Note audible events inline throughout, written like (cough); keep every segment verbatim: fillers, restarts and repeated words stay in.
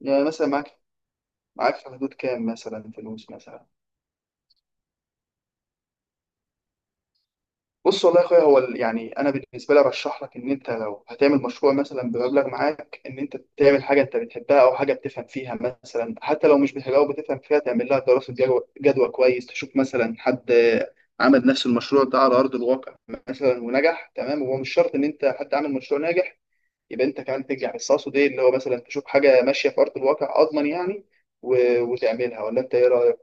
يعني مثلا معاك معاك في حدود كام مثلا فلوس مثلا؟ بص والله يا اخويا، هو ال- يعني انا بالنسبه لي ارشح لك ان انت لو هتعمل مشروع مثلا بمبلغ معاك، ان انت تعمل حاجه انت بتحبها او حاجه بتفهم فيها، مثلا حتى لو مش بتحبها وبتفهم فيها تعمل لها دراسه جدوى جدوى كويس، تشوف مثلا حد عمل نفس المشروع ده على ارض الواقع مثلا ونجح تمام، وهو مش شرط ان انت حد عامل مشروع ناجح يبقى انت كمان تنجح، بس اقصد ايه اللي هو مثلا تشوف حاجه ماشيه في ارض الواقع اضمن يعني و- وتعملها، ولا انت ايه رايك؟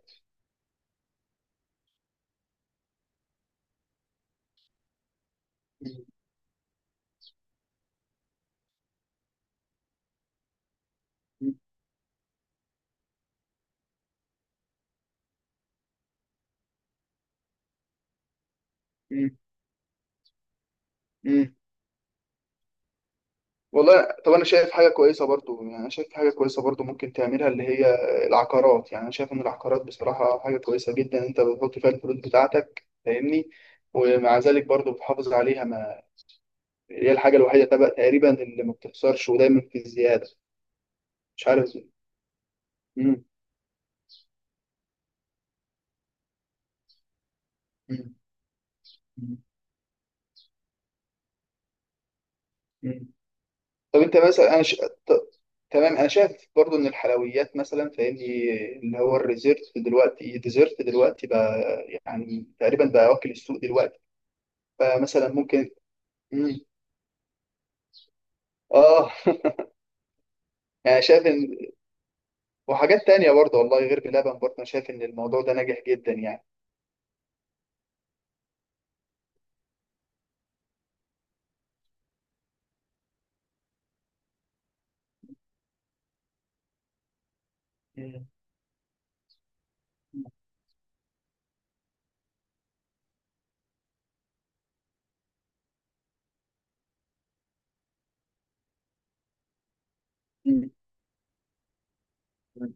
مم. والله طب انا شايف حاجه كويسه برضو، يعني انا شايف حاجه كويسه برضو ممكن تعملها اللي هي العقارات. يعني انا شايف ان العقارات بصراحه حاجه كويسه جدا، انت بتحط فيها الفلوس بتاعتك فاهمني، ومع ذلك برضو بتحافظ عليها، ما هي الحاجه الوحيده تبقى تقريبا اللي ما بتخسرش ودايما في زياده. مش عارف. مم. مم. مم. مم. طب انت مثلا انا ش... ط... تمام، انا شايف برضو ان الحلويات مثلا فاهمني، اللي هو الريزيرت دلوقتي الديزرت دلوقتي بقى، يعني تقريبا بقى واكل السوق دلوقتي، فمثلا ممكن. مم. اه. (laughs) يعني شايف ان وحاجات تانية برضه والله غير بلبن برضه، انا شايف ان الموضوع ده ناجح جدا يعني. مم. مم. مم.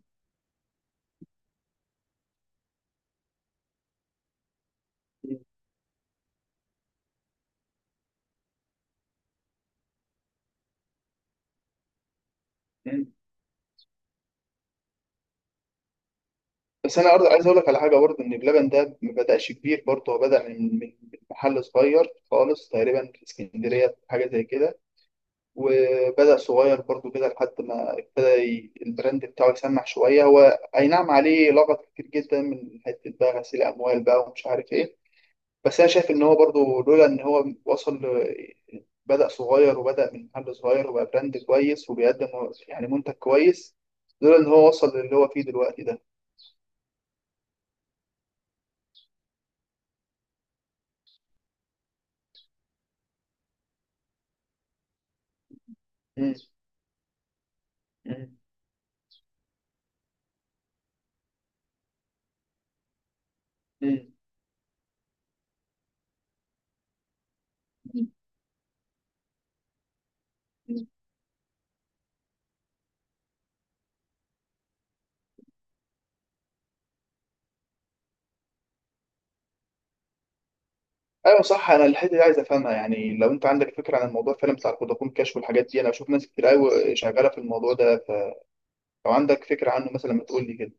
مم. بس انا برضه عايز اقول لك على حاجه برضه، ان بلبن ده ما بداش كبير برضه، هو بدا من من من محل صغير خالص تقريبا في اسكندريه حاجه زي كده، وبدا صغير برضه كده لحد ما ابتدى ي- البراند بتاعه يسمع شويه. هو اي نعم عليه لغط كتير جدا من حته بقى غسيل اموال بقى ومش عارف ايه، بس انا شايف ان هو برضو لولا ان هو وصل ل- بدأ صغير وبدأ من محل صغير وبقى براند كويس وبيقدم يعني منتج كويس، لولا ان هو وصل للي هو فيه دلوقتي ده. مم. مم. مم. ايوه صح، انا الحته دي عايز افهمها، يعني لو انت عندك فكره عن الموضوع فعلا بتاع الفودافون كاش والحاجات دي، انا بشوف ناس كتير قوي شغاله في الموضوع ده، فلو عندك فكره عنه مثلا ما تقول لي كده.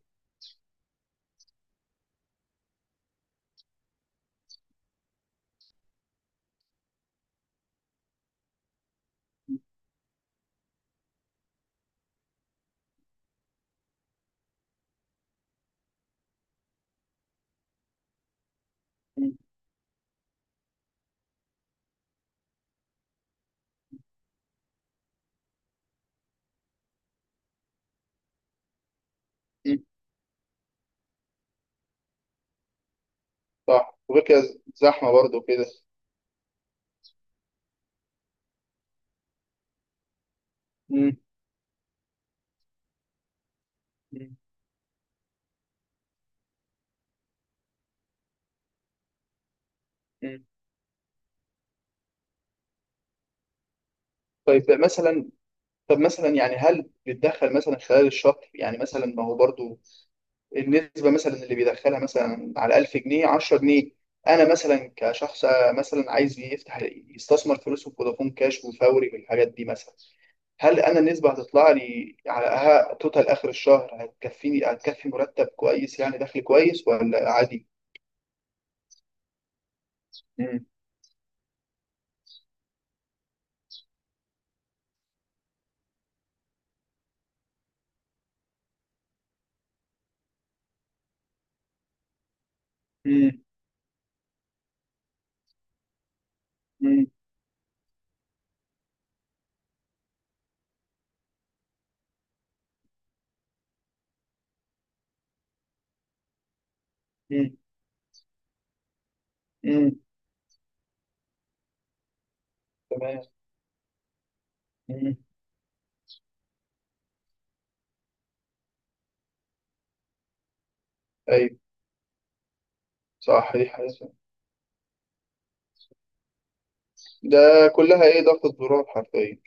مم. مم. صح، وغير كده زحمه برضه كده. مم. مم. مم. طيب مثلا، طب مثلا يعني هل بتدخل مثلا خلال الشهر، يعني مثلا ما هو برضو النسبة مثلا اللي بيدخلها مثلا على ألف جنيه عشر جنيهات. أنا مثلا كشخص مثلا عايز يفتح يستثمر فلوسه في فودافون كاش وفوري والحاجات دي مثلا، هل أنا النسبة هتطلع لي على ها- توتال آخر الشهر هتكفيني، هتكفي مرتب كويس يعني دخل كويس ولا عادي؟ مم. مم. مم. مم. مم. تمام. مم. أيوه صح، دي حاجة. ده كلها إيه، ضغط الزرار حرفيا.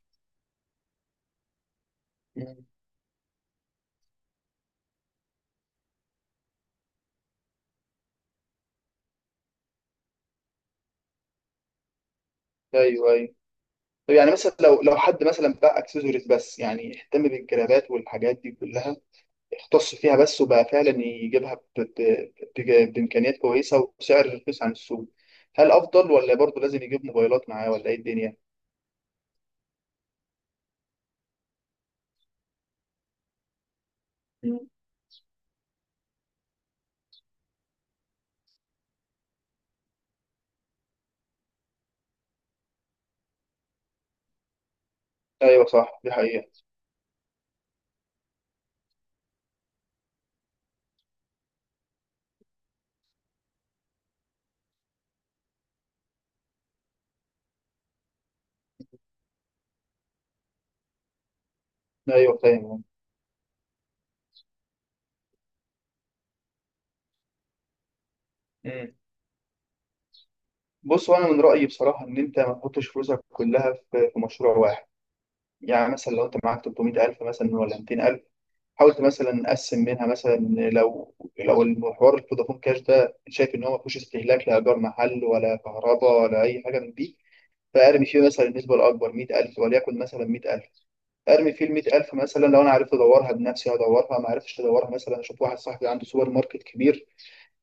ايوه ايوه. طب يعني مثلا لو لو حد مثلا بقى اكسسوارز بس، يعني اهتم بالجرابات والحاجات دي كلها، اختص فيها بس وبقى فعلا يجيبها ب... ب... ب... بامكانيات كويسه وسعر رخيص عن السوق، هل افضل ولا برضه لازم يجيب موبايلات معاه ولا ايه الدنيا؟ مم. ايوه صح، دي حقيقه. ايوه فاهم. مم. بص، وانا من رايي بصراحه ان انت ما تحطش فلوسك كلها في في مشروع واحد. يعني مثلا لو انت معاك ثلاثمائة ألف مثلا ولا مائتين ألف، حاولت مثلا اقسم منها مثلا. لو لو المحور الفودافون كاش ده، شايف ان هو ما فيهوش استهلاك لايجار محل ولا كهرباء ولا اي حاجه من دي، فارمي فيه مثلا النسبه الاكبر مائة ألف، وليكن مثلا مائة ألف. ارمي فيه ال مائة ألف مثلا، لو انا عرفت ادورها بنفسي ادورها، ما عرفتش ادورها مثلا اشوف واحد صاحبي عنده سوبر ماركت كبير،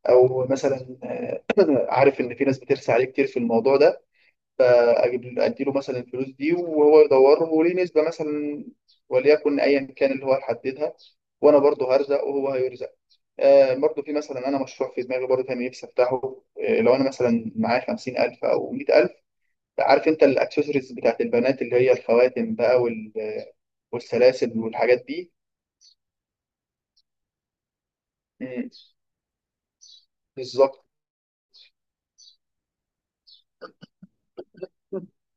او مثلا آه، عارف ان في ناس بترسى عليه كتير في الموضوع ده، فاجيب ادي له مثلا الفلوس دي وهو يدوره وليه نسبه مثلا، وليكن ايا كان اللي هو يحددها، وانا برضه هرزق وهو هيرزق. آه، برضو في مثلا انا مشروع في دماغي برضو كان نفسي افتحه. آه، لو انا مثلا معايا خمسين ألف او مية ألف، عارف انت الاكسسوارز بتاعت البنات اللي هي الخواتم بقى وال- والسلاسل والحاجات دي. مم، بالظبط.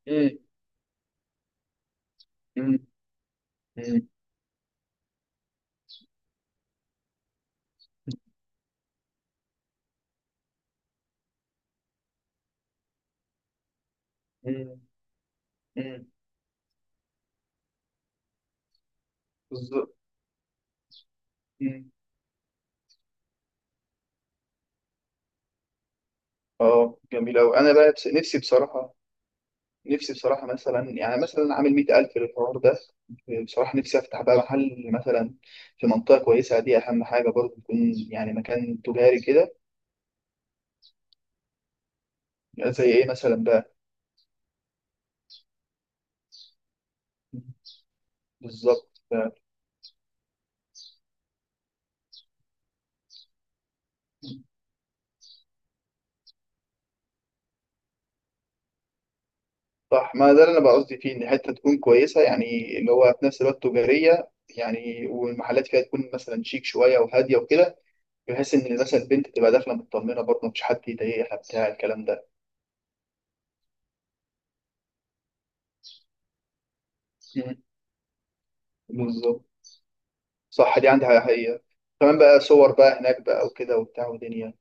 مم، مم، مم، مم، مم، بالظبط. مم. اه جميل أوي. انا بقى بس نفسي بصراحه نفسي بصراحه مثلا يعني مثلا عامل مائة ألف للحوار ده، بصراحه نفسي افتح بقى محل مثلا في منطقه كويسه، دي اهم حاجه، برضو يكون يعني مكان تجاري كده. زي ايه مثلا بقى. بالظبط. صح، ما ده اللي انا بقى قصدي فيه، ان حته تكون كويسه يعني اللي هو في نفس الوقت تجاريه، يعني والمحلات فيها تكون مثلا شيك شويه وهاديه وكده، بحيث ان مثلا البنت تبقى داخله مطمنه برضه، مفيش حد يضايقها بتاع الكلام ده. مم. بالظبط. صح، دي عندها حقيقه. كمان بقى صور بقى هناك بقى وكده وبتاع ودنيا.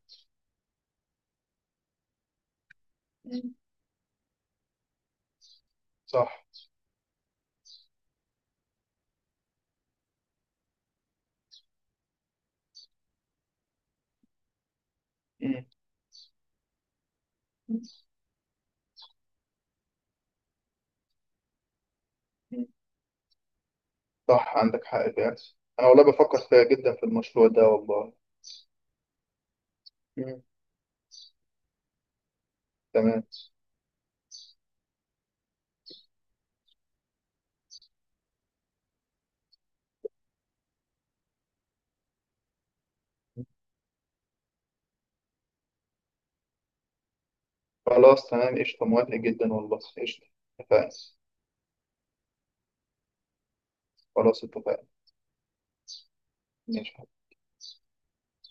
مم. صح. مم. مم. صح عندك حق فعلا. انا والله بفكر فيها جدا في المشروع ده والله. مم. تمام. خلاص تمام قشطة، موافق جدا والله، قشطة. اتفقنا. خلاص اتفقنا. ماشي.